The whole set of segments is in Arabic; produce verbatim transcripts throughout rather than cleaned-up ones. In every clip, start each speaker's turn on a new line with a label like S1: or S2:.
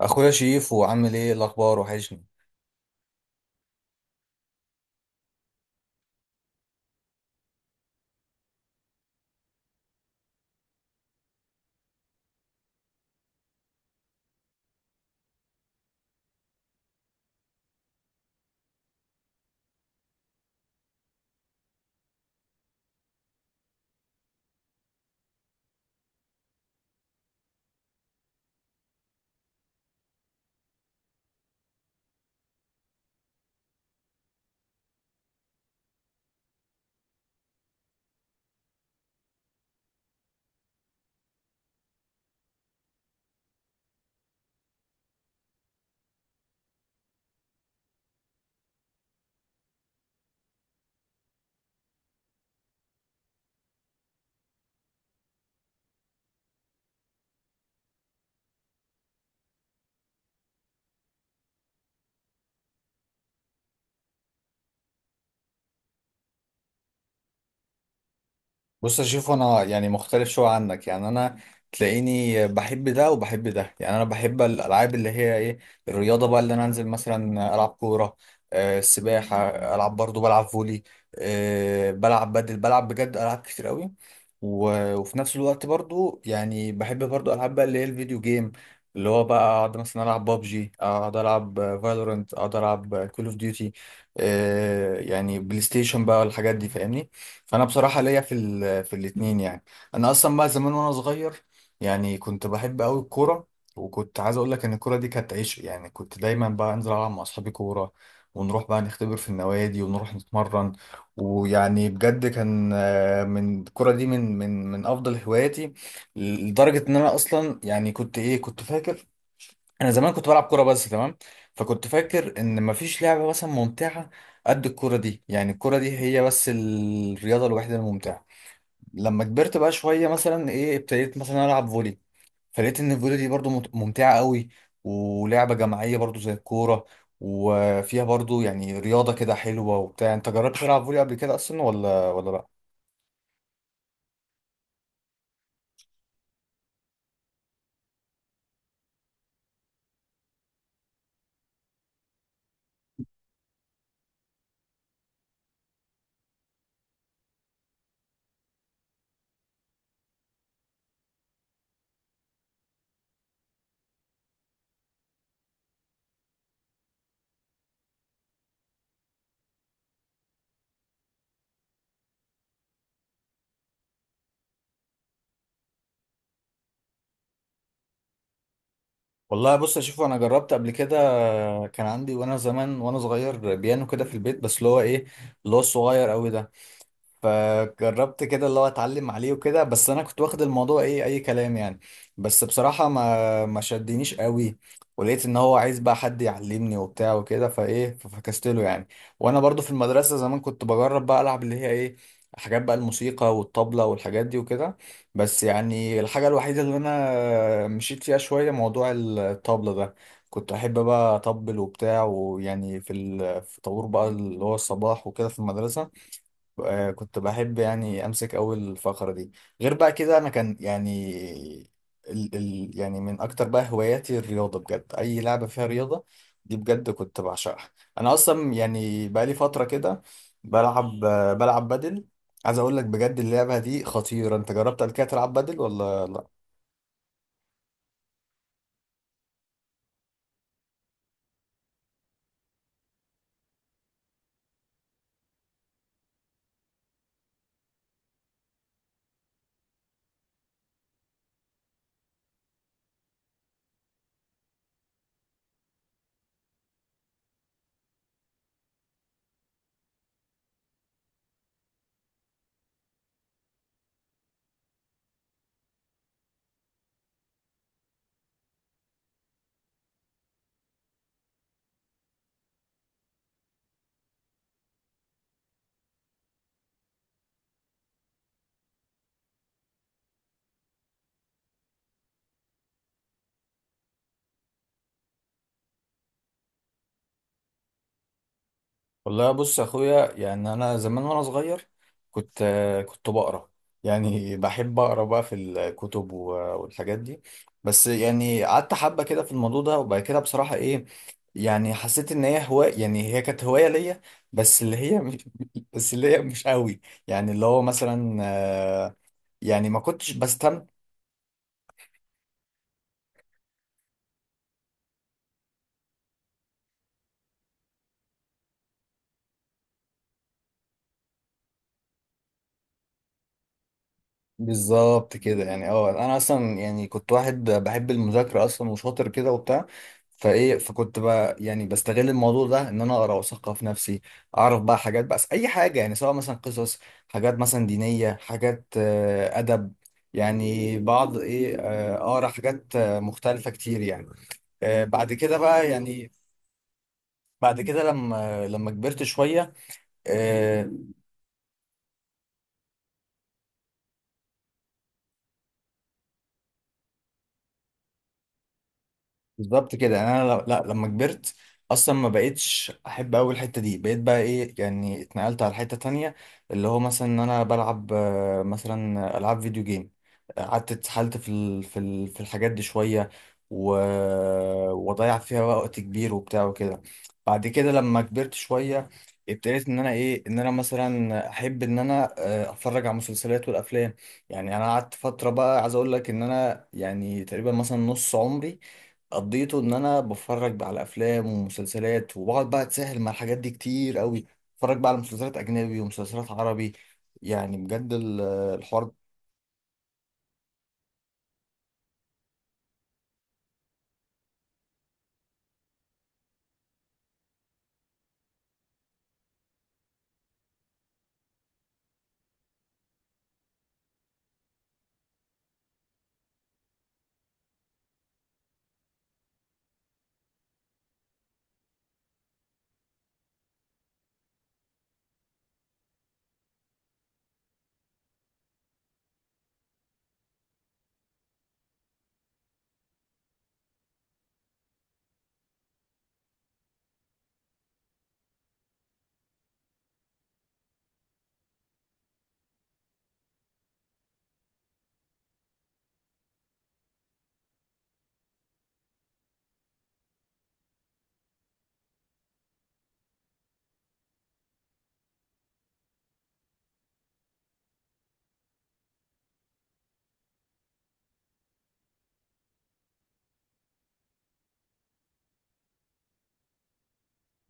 S1: اخويا شيف، وعامل ايه الاخبار؟ وحشني. بص، اشوف انا يعني مختلف شويه عنك، يعني انا تلاقيني بحب ده وبحب ده، يعني انا بحب الالعاب اللي هي ايه، الرياضه، بقى اللي انا انزل مثلا العب كوره، آه السباحه، العب، برضو بلعب فولي، آه بلعب بدل، بلعب بجد العاب كتير قوي. و- وفي نفس الوقت برضو يعني بحب برضو العاب بقى اللي هي الفيديو جيم، اللي هو بقى اقعد مثلا العب بابجي، اقعد العب فالورنت، اقعد العب كول اوف ديوتي، يعني بلاي ستيشن بقى والحاجات دي فاهمني. فانا بصراحه ليا في ال... في الاثنين يعني. انا اصلا بقى زمان وانا صغير يعني كنت بحب قوي الكوره، وكنت عايز اقول لك ان الكوره دي كانت عيش، يعني كنت دايما بقى انزل العب مع اصحابي كوره، ونروح بقى نختبر في النوادي ونروح نتمرن. ويعني بجد كان، آه، من الكوره دي، من من من افضل هواياتي، لدرجه ان انا اصلا يعني كنت ايه، كنت فاكر انا زمان كنت بلعب كوره بس، تمام، فكنت فاكر ان مفيش لعبه مثلا ممتعه قد الكوره دي، يعني الكوره دي هي بس الرياضه الوحيده الممتعه. لما كبرت بقى شويه مثلا ايه، ابتديت مثلا العب فولي، فلقيت ان الفولي دي برضو مت- ممتعه قوي، ولعبه جماعيه برضو زي الكوره، وفيها برضو يعني رياضه كده حلوه وبتاع. انت جربت تلعب فولي قبل كده اصلا، ولا ولا لا؟ والله، بص، اشوف انا جربت قبل كده، كان عندي وانا زمان وانا صغير بيانو كده في البيت، بس اللي هو ايه، اللي هو الصغير قوي ده، فجربت كده اللي هو اتعلم عليه وكده، بس انا كنت واخد الموضوع ايه، اي كلام يعني، بس بصراحة ما ما شدنيش قوي، ولقيت ان هو عايز بقى حد يعلمني وبتاع وكده، فايه ففكست له يعني. وانا برضو في المدرسة زمان كنت بجرب بقى العب اللي هي ايه، حاجات بقى الموسيقى والطبلة والحاجات دي وكده، بس يعني الحاجة الوحيدة اللي انا مشيت فيها شوية موضوع الطبلة ده، كنت احب بقى اطبل وبتاع، ويعني في ال- في طابور بقى اللي هو الصباح وكده في المدرسة، آه، كنت بحب يعني امسك اول الفقره دي. غير بقى كده انا كان يعني، ال ال يعني من اكتر بقى هواياتي الرياضه، بجد اي لعبه فيها رياضه دي بجد كنت بعشقها. انا اصلا يعني بقى لي فتره كده بلعب آه، بلعب بدل، عايز اقول لك بجد اللعبه دي خطيره. انت جربت قبل كده تلعب بدل ولا؟ والله، بص يا اخويا، يعني انا زمان وانا صغير كنت آه، كنت بقرا، يعني بحب اقرا بقى في الكتب و- والحاجات دي، بس يعني قعدت حبه كده في الموضوع ده، وبعد كده بصراحه ايه، يعني حسيت ان هي هوايه، يعني هي كانت هوايه ليا، بس اللي هي مش بس اللي هي مش قوي، يعني اللي هو مثلا آه، يعني ما كنتش بستمتع. بالظبط كده، يعني اه انا اصلا يعني كنت واحد بحب المذاكره اصلا وشاطر كده وبتاع، فايه فكنت بقى يعني بستغل الموضوع ده ان انا اقرا واثقف نفسي، اعرف بقى حاجات، بقى اي حاجه يعني، سواء مثلا قصص، حاجات مثلا دينيه، حاجات آه، ادب، يعني بعض ايه، آه، اقرا حاجات آه، مختلفه كتير يعني. آه، بعد كده بقى، يعني بعد كده لما لما كبرت شويه، آه، بالظبط كده، يعني انا ل- لا، لما كبرت اصلا ما بقتش احب اوي الحته دي، بقيت بقى ايه، يعني اتنقلت على حته تانية، اللي هو مثلا ان انا بلعب آه، مثلا العاب فيديو جيم، قعدت اتسحلت في ال... في ال... في الحاجات دي شويه، و... وضيع فيها وقت كبير وبتاع وكده. بعد كده لما كبرت شويه، ابتديت ان انا ايه، ان انا مثلا احب ان انا آه، اتفرج على المسلسلات والافلام، يعني انا قعدت فتره بقى، عايز اقول لك ان انا يعني تقريبا مثلا نص عمري قضيته ان انا بتفرج بقى على افلام ومسلسلات، وبقعد بقى اتسهل مع الحاجات دي كتير قوي، اتفرج بقى على مسلسلات اجنبي ومسلسلات عربي، يعني بجد ال- الحوار.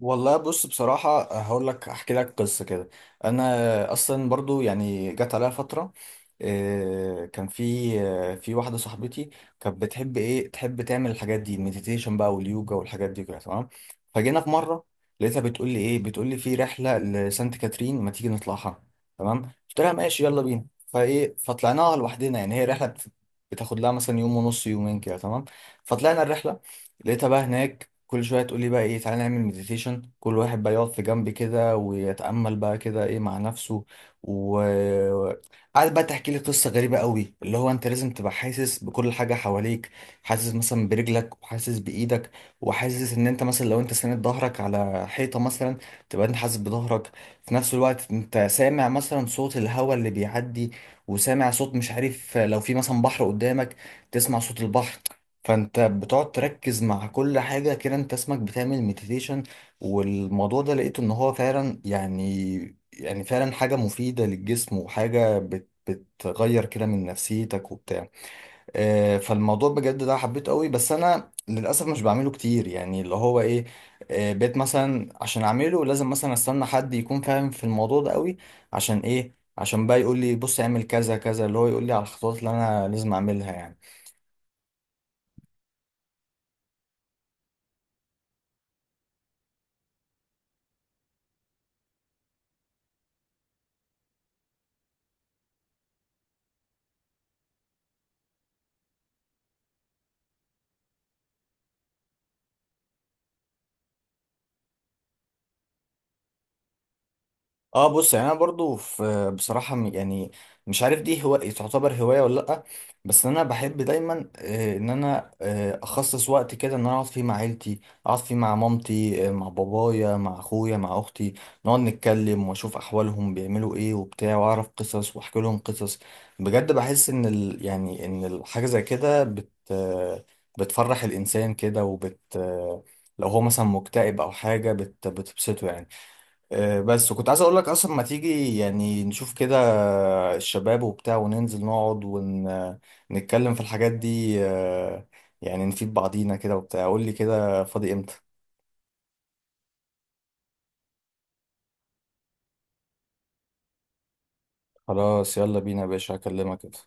S1: والله، بص، بصراحة هقول لك، احكي لك قصة كده، انا اصلا برضو يعني جت عليها فترة، آه، كان في آه، في واحدة صاحبتي، كانت بتحب ايه، تحب تعمل الحاجات دي، المديتيشن بقى واليوجا والحاجات دي كده، تمام. فجينا في مرة، لقيتها بتقول لي ايه، بتقول لي في رحلة لسانت كاترين، ما تيجي نطلعها؟ تمام، قلت لها ماشي، يلا بينا، فايه فطلعناها لوحدنا، يعني هي رحلة بت- بتاخد لها مثلا يوم ونص، يومين كده، تمام. فطلعنا الرحلة، لقيتها بقى هناك كل شويه تقول لي بقى ايه، تعالى نعمل مديتيشن، كل واحد بقى يقعد في جنب كده ويتامل بقى كده ايه مع نفسه، وقعد بقى تحكي لي قصه غريبه قوي، اللي هو انت لازم تبقى حاسس بكل حاجه حواليك، حاسس مثلا برجلك وحاسس بايدك، وحاسس ان انت مثلا لو انت ساند ظهرك على حيطه مثلا، تبقى انت حاسس بظهرك، في نفس الوقت انت سامع مثلا صوت الهواء اللي بيعدي، وسامع صوت، مش عارف، لو في مثلا بحر قدامك، تسمع صوت البحر، فانت بتقعد تركز مع كل حاجة كده، انت اسمك بتعمل مديتيشن. والموضوع ده لقيته ان هو فعلا، يعني يعني فعلا حاجة مفيدة للجسم، وحاجة بت بتغير كده من نفسيتك وبتاع. آه، فالموضوع بجد ده حبيته قوي، بس انا للأسف مش بعمله كتير، يعني اللي هو ايه، آه، بقيت مثلا عشان اعمله لازم مثلا استنى حد يكون فاهم في الموضوع ده قوي، عشان ايه، عشان بقى يقول لي بص اعمل كذا كذا، اللي هو يقول لي على الخطوات اللي انا لازم اعملها يعني. اه بص، يعني انا برضو في بصراحه م- يعني مش عارف دي هو تعتبر هوايه ولا لا، بس انا بحب دايما، آه، ان انا آه، اخصص وقت كده ان انا اقعد فيه مع عيلتي، اقعد فيه مع مامتي، آه، مع بابايا، مع اخويا، مع اختي، نقعد نتكلم واشوف احوالهم بيعملوا ايه وبتاع، واعرف قصص واحكي لهم قصص. بجد بحس ان ال يعني ان الحاجه زي كده بت آه، بتفرح الانسان كده، وبت آه، لو هو مثلا مكتئب او حاجه بت بتبسطه يعني. آه، بس، وكنت عايز اقول لك اصلا ما تيجي يعني نشوف كده الشباب وبتاع وننزل نقعد ونتكلم في الحاجات دي، آه، يعني نفيد بعضينا كده وبتاع. قول لي كده فاضي امتى؟ خلاص، يلا بينا يا باشا، هكلمك كده.